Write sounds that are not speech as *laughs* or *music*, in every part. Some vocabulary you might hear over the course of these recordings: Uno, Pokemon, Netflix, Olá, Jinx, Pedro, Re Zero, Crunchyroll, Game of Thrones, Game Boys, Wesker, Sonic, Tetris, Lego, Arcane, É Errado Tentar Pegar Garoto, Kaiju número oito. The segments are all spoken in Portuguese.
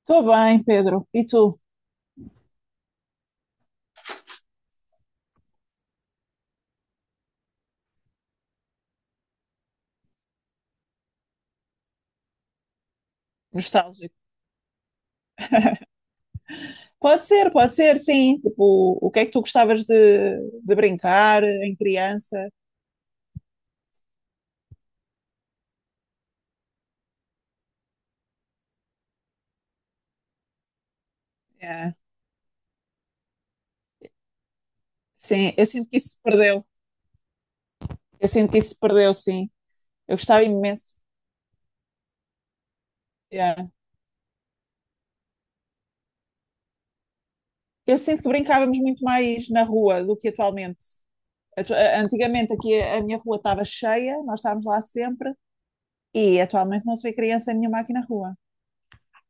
Estou bem, Pedro. E tu? Nostálgico. Pode ser, sim. Tipo, o que é que tu gostavas de brincar em criança? Yeah. Sim, eu sinto que isso se perdeu. Eu sinto que isso se perdeu, sim. Eu gostava imenso. Yeah. Eu sinto que brincávamos muito mais na rua do que atualmente. Antigamente aqui a minha rua estava cheia, nós estávamos lá sempre, e atualmente não se vê criança nenhuma aqui na rua.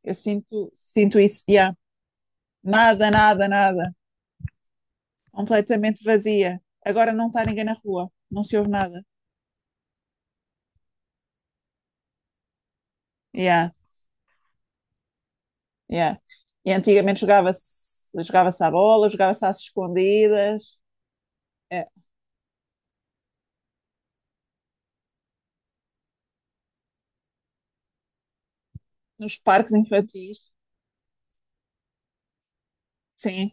Eu sinto, sinto isso. Yeah. Nada, nada, nada. Completamente vazia. Agora não está ninguém na rua, não se ouve nada. Yeah, yeah. E antigamente jogava-se à bola, jogava-se às escondidas, é, nos parques infantis. Sim,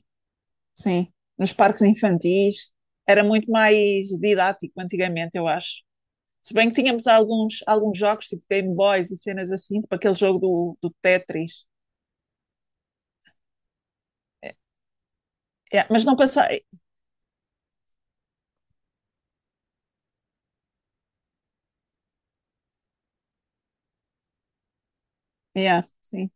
sim, nos parques infantis. Era muito mais didático antigamente, eu acho. Se bem que tínhamos alguns jogos, tipo Game Boys e cenas assim, tipo aquele jogo do Tetris. É, é, mas não passei. Yeah, sim,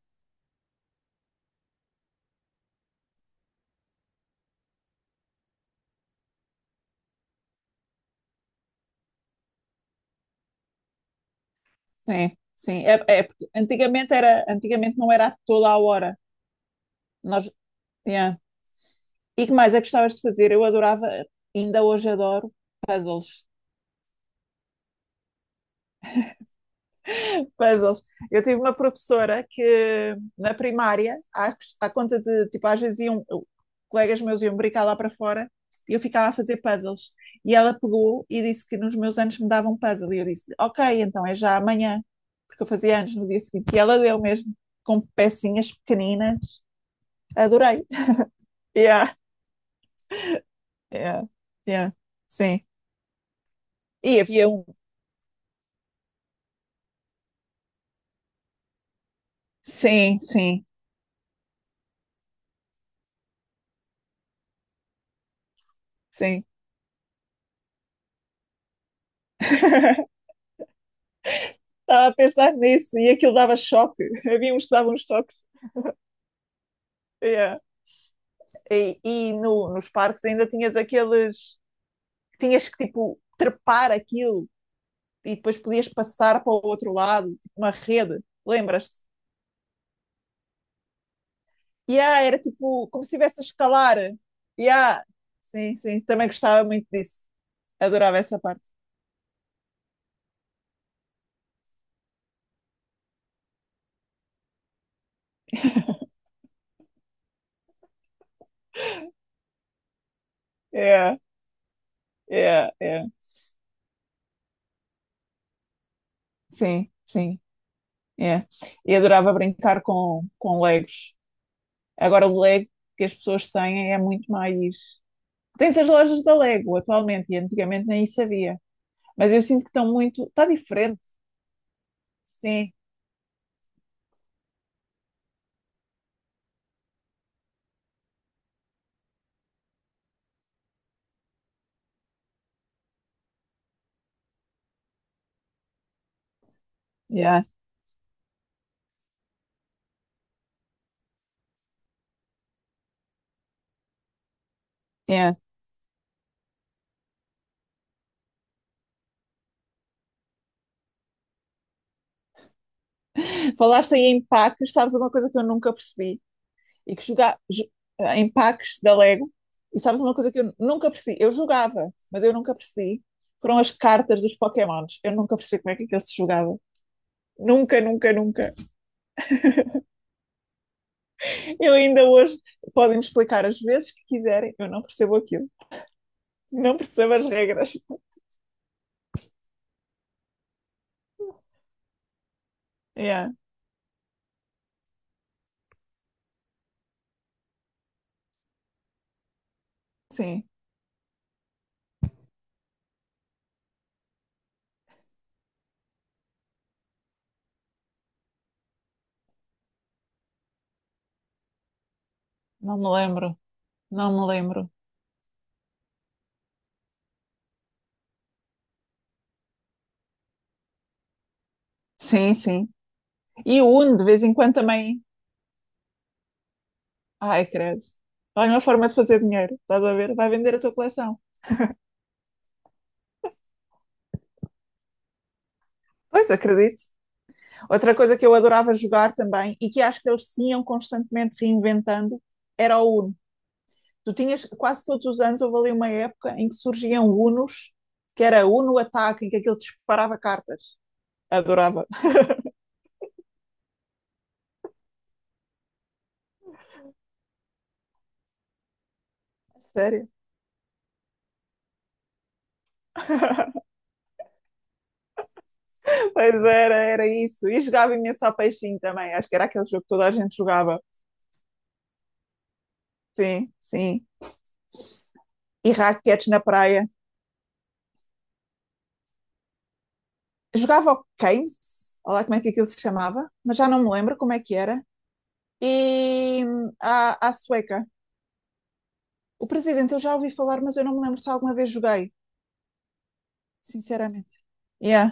sim, sim. É, é porque antigamente, era, antigamente não era a toda a hora. Nós, yeah. E que mais é que gostavas de fazer? Eu adorava, ainda hoje adoro, puzzles. Puzzles. Eu tive uma professora que na primária, à conta de, tipo, às vezes iam, colegas meus iam brincar lá para fora e eu ficava a fazer puzzles. E ela pegou e disse que nos meus anos me davam um puzzle. E eu disse, ok, então é já amanhã, porque eu fazia anos no dia seguinte. E ela deu mesmo, com pecinhas pequeninas. Adorei. Yeah, yeah, yeah. Sim. E havia um. Sim, sim. Sim. *laughs* Estava a pensar nisso e aquilo dava choque. *laughs* Havia uns que davam uns toques. Yeah. Nos parques ainda tinhas aqueles. Tinhas que, tipo, trepar aquilo e depois podias passar para o outro lado, tipo uma rede. Lembras-te? Yeah, era tipo como se estivesse a escalar. Yeah. Sim, sim. Também gostava muito disso. Adorava essa parte. Yeah, yeah, yeah. Sim, sim. Yeah. E adorava brincar com Legos. Agora, o Lego que as pessoas têm é muito mais. Tens as lojas da Lego atualmente e antigamente nem isso havia. Mas eu sinto que estão muito. Está diferente. Sim. Yeah, yeah. Falaste aí em packs, sabes uma coisa que eu nunca percebi? E que jogar jo- eh, Em packs da Lego, e sabes uma coisa que eu nunca percebi? Eu jogava, mas eu nunca percebi. Foram as cartas dos Pokémons. Eu nunca percebi como é que aquilo se jogava. Nunca, nunca, nunca. Eu ainda hoje podem me explicar as vezes que quiserem, eu não percebo aquilo. Não percebo as regras. Yeah, sim, não me lembro. Não me lembro. Sim, sim. E o Uno, de vez em quando, também. Ai, credo. Olha, uma forma de fazer dinheiro, estás a ver? Vai vender a tua coleção. Pois, acredito. Outra coisa que eu adorava jogar também e que acho que eles se iam constantemente reinventando era o Uno. Tu tinhas quase todos os anos, houve ali uma época em que surgiam Unos, que era Uno Ataque, em que aquilo disparava cartas. Adorava. *laughs* Sério. Pois era, era isso. E jogava imenso ao peixinho também. Acho que era aquele jogo que toda a gente jogava. Sim, sim. E raquetes na praia. Jogava ao Games, olha lá como é que aquilo se chamava, mas já não me lembro como é que era. E à sueca. O presidente eu já ouvi falar, mas eu não me lembro se alguma vez joguei, sinceramente. Yeah,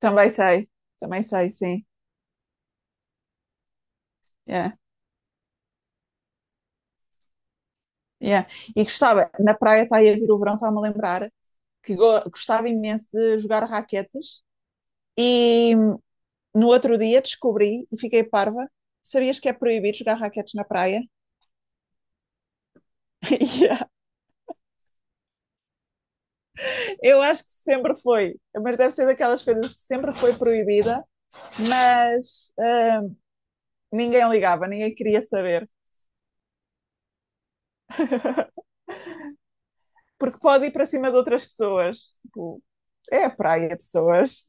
também sei. Também sei, sim. Yeah, yeah. E gostava, na praia está aí a vir o verão, está-me a lembrar, que gostava imenso de jogar raquetes. E hum, no outro dia descobri e fiquei parva. Sabias que é proibido jogar raquetes na praia? *laughs* Yeah. Eu acho que sempre foi, mas deve ser daquelas coisas que sempre foi proibida, mas ninguém ligava, ninguém queria saber, porque pode ir para cima de outras pessoas. Tipo, é a praia, pessoas.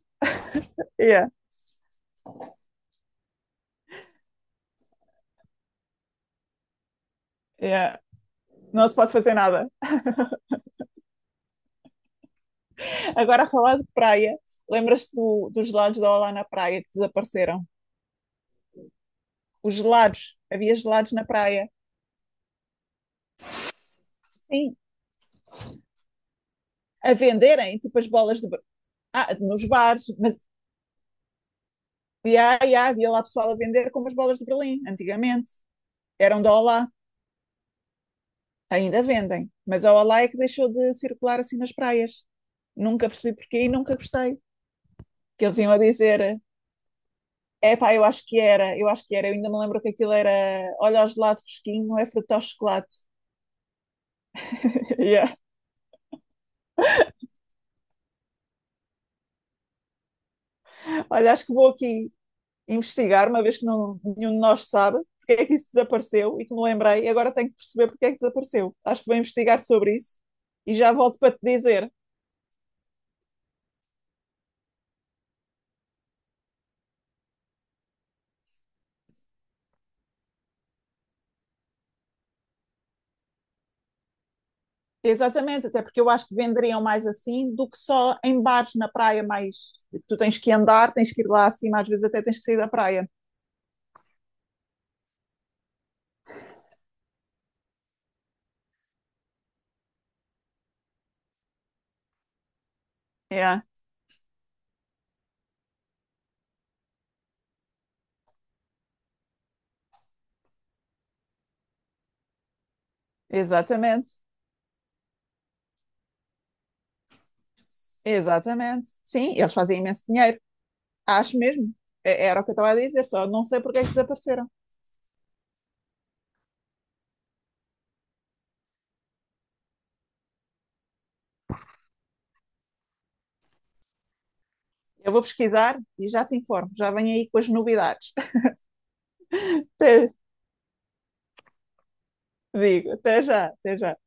Yeah, yeah. Não se pode fazer nada. Agora, a falar de praia, lembras-te dos gelados da Olá na praia que desapareceram? Os gelados, havia gelados na praia. Sim, a venderem, tipo as bolas de, ah, nos bares, mas havia lá pessoal a vender como as bolas de Berlim, antigamente. Eram da Olá, ainda vendem. Mas a Olá é que deixou de circular assim nas praias. Nunca percebi porquê e nunca gostei. Que eles iam a dizer, é pá, eu acho que era, eu acho que era. Eu ainda me lembro que aquilo era, olha o gelado fresquinho, não é fruto ao chocolate. *laughs* Yeah. Olha, acho que vou aqui investigar, uma vez que não, nenhum de nós sabe. Porque é que isso desapareceu e que me lembrei, e agora tenho que perceber porque é que desapareceu. Acho que vou investigar sobre isso e já volto para te dizer. Exatamente, até porque eu acho que venderiam mais assim do que só em bares na praia, mais tu tens que andar, tens que ir lá acima, às vezes até tens que sair da praia. É, exatamente, exatamente. Sim, eles fazem imenso dinheiro, acho mesmo. É- Era o que eu estava a dizer, só não sei porque é que desapareceram. Eu vou pesquisar e já te informo, já venho aí com as novidades. *laughs* Até, Digo, até já, até já.